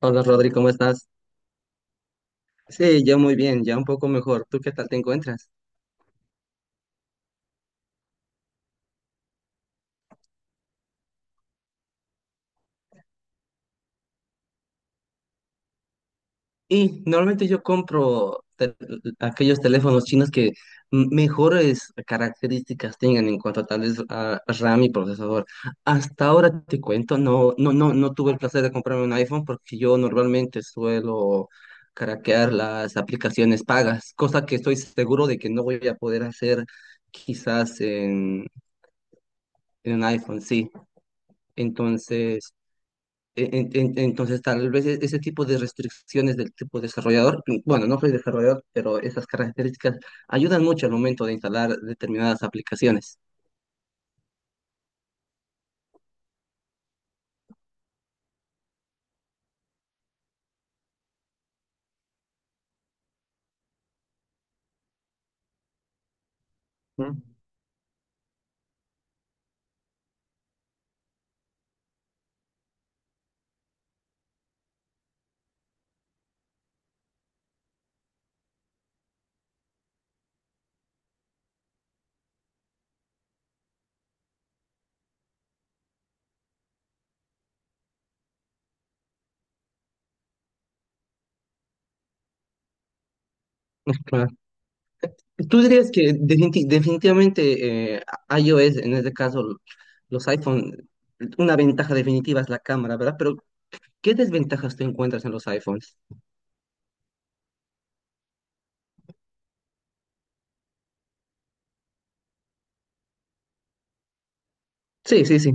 Hola Rodri, ¿cómo estás? Sí, ya muy bien, ya un poco mejor. ¿Tú qué tal te encuentras? Y normalmente yo compro aquellos teléfonos chinos que mejores características tengan en cuanto a tal vez a RAM y procesador. Hasta ahora te cuento, no tuve el placer de comprarme un iPhone porque yo normalmente suelo craquear las aplicaciones pagas, cosa que estoy seguro de que no voy a poder hacer quizás en, en un iPhone, sí. Entonces... entonces, tal vez ese tipo de restricciones del tipo desarrollador, bueno, no soy desarrollador, pero esas características ayudan mucho al momento de instalar determinadas aplicaciones. ¿Mm? Claro. ¿Tú dirías que definitivamente iOS, en este caso los iPhone, una ventaja definitiva es la cámara, ¿verdad? Pero ¿qué desventajas tú encuentras en los iPhones? Sí, sí, sí.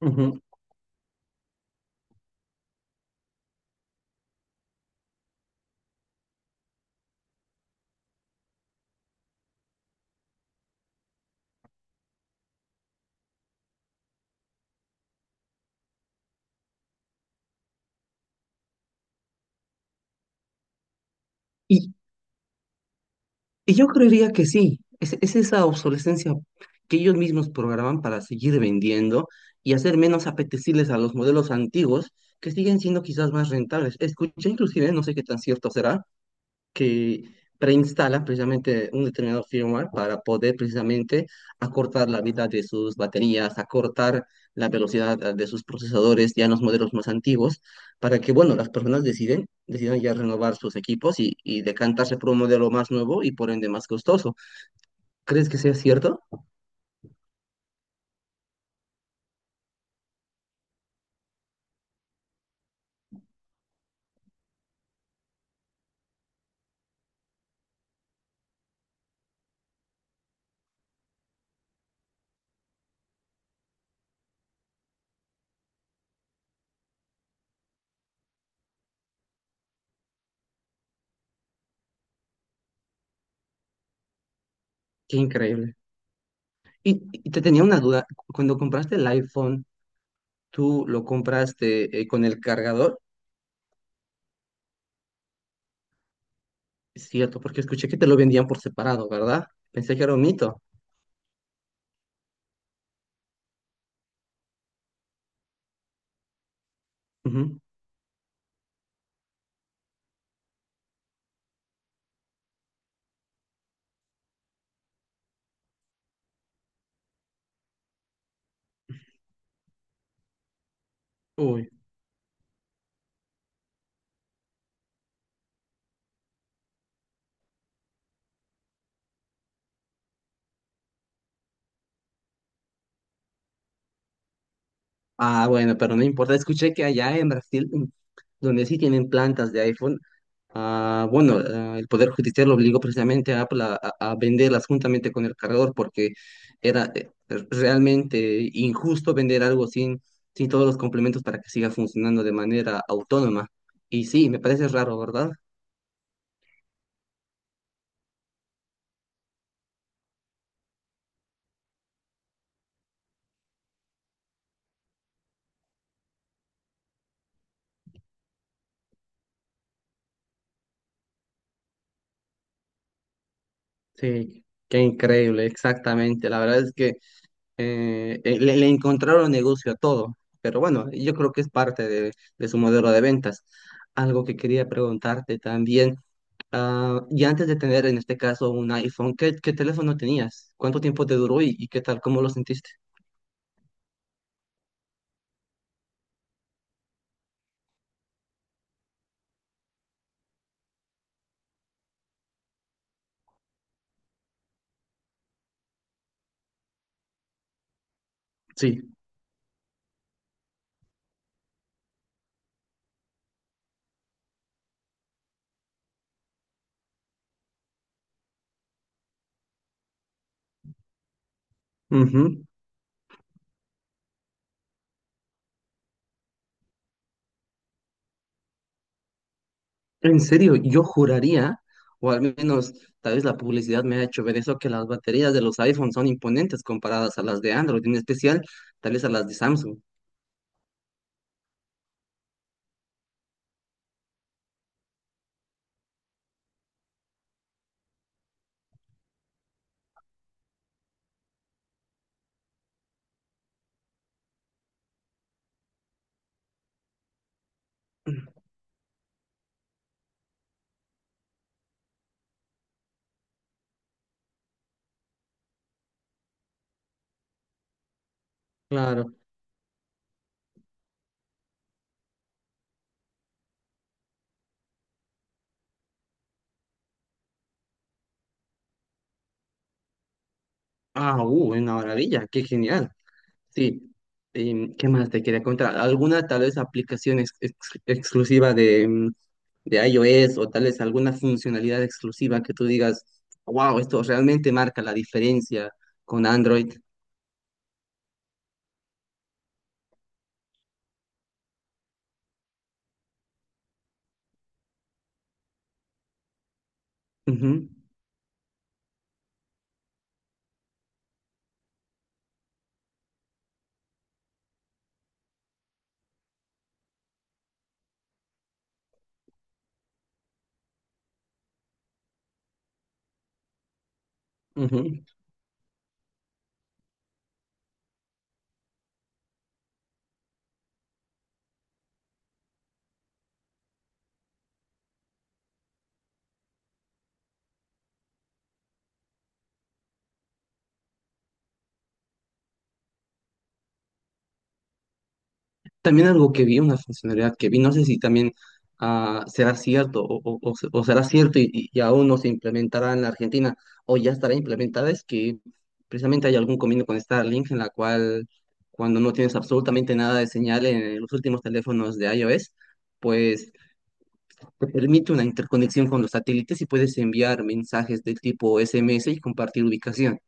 Ujú. Y, Y yo creería que sí, es esa obsolescencia que ellos mismos programan para seguir vendiendo y hacer menos apetecibles a los modelos antiguos que siguen siendo quizás más rentables. Escuché inclusive, no sé qué tan cierto será, que preinstala precisamente un determinado firmware para poder precisamente acortar la vida de sus baterías, acortar la velocidad de sus procesadores ya en los modelos más antiguos, para que, bueno, las personas decidan ya renovar sus equipos y decantarse por un modelo más nuevo y por ende más costoso. ¿Crees que sea cierto? Qué increíble. Y te tenía una duda, cuando compraste el iPhone, ¿tú lo compraste con el cargador? Es cierto, porque escuché que te lo vendían por separado, ¿verdad? Pensé que era un mito. Ujú. Uy. Ah, bueno, pero no importa. Escuché que allá en Brasil, donde sí tienen plantas de iPhone, ah, bueno, ah, el Poder Judicial obligó precisamente a Apple a venderlas juntamente con el cargador porque era realmente injusto vender algo sin todos los complementos para que siga funcionando de manera autónoma. Y sí, me parece raro, ¿verdad? Sí, qué increíble, exactamente. La verdad es que le encontraron negocio a todo, pero bueno, yo creo que es parte de su modelo de ventas. Algo que quería preguntarte también, ah, y antes de tener en este caso un iPhone, ¿qué, qué teléfono tenías? ¿Cuánto tiempo te duró y qué tal? ¿Cómo lo sentiste? Sí. Ujú. En serio, yo juraría, o al menos tal vez la publicidad me ha hecho ver eso, que las baterías de los iPhones son imponentes comparadas a las de Android, en especial tal vez a las de Samsung. Claro. Ah, una maravilla, qué genial. Sí, ¿qué más te quería contar? ¿Alguna tal vez aplicación exclusiva de, de iOS o tal vez alguna funcionalidad exclusiva que tú digas, wow, esto realmente marca la diferencia con Android? Ujú, ujú. También algo que vi, una funcionalidad que vi, no sé si también será cierto o será cierto y aún no se implementará en la Argentina o ya estará implementada, es que precisamente hay algún convenio con Starlink en la cual cuando no tienes absolutamente nada de señal en los últimos teléfonos de iOS, pues te permite una interconexión con los satélites y puedes enviar mensajes de tipo SMS y compartir ubicación.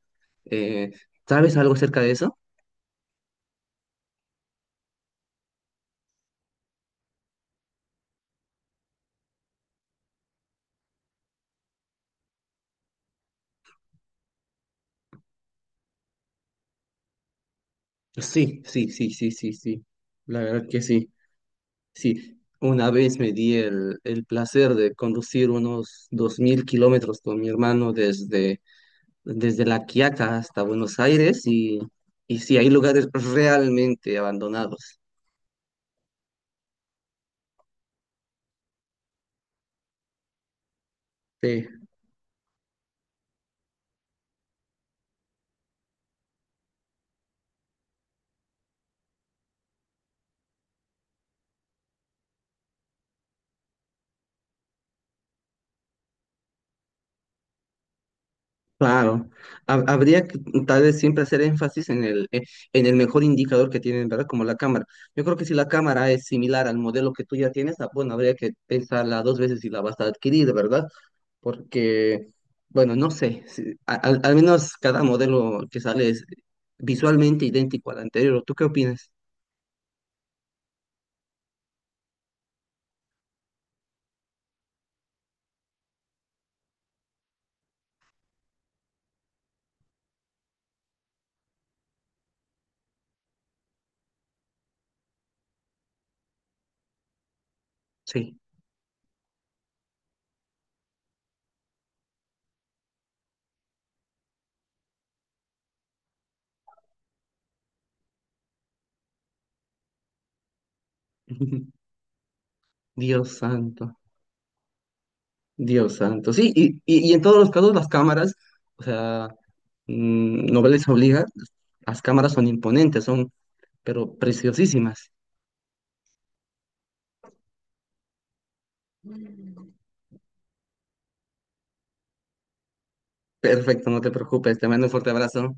Eh, ¿Sabes algo acerca de eso? Sí, sí, sí, sí, sí, sí. La verdad que sí. Sí, una vez me di el placer de conducir unos 2000 kilómetros con mi hermano desde, desde La Quiaca hasta Buenos Aires y sí, hay lugares realmente abandonados. Sí, claro. Habría que tal vez siempre hacer énfasis en el mejor indicador que tienen, ¿verdad? Como la cámara. Yo creo que si la cámara es similar al modelo que tú ya tienes, ah, bueno, habría que pensarla dos veces si la vas a adquirir, ¿verdad? Porque, bueno, no sé, al, al menos cada modelo que sale es visualmente idéntico al anterior. ¿Tú qué opinas? Sí. Dios santo, Dios santo. Sí, y en todos los casos las cámaras, o sea, no les obliga, las cámaras son imponentes, son, pero preciosísimas. Perfecto, no te preocupes, te mando un fuerte abrazo.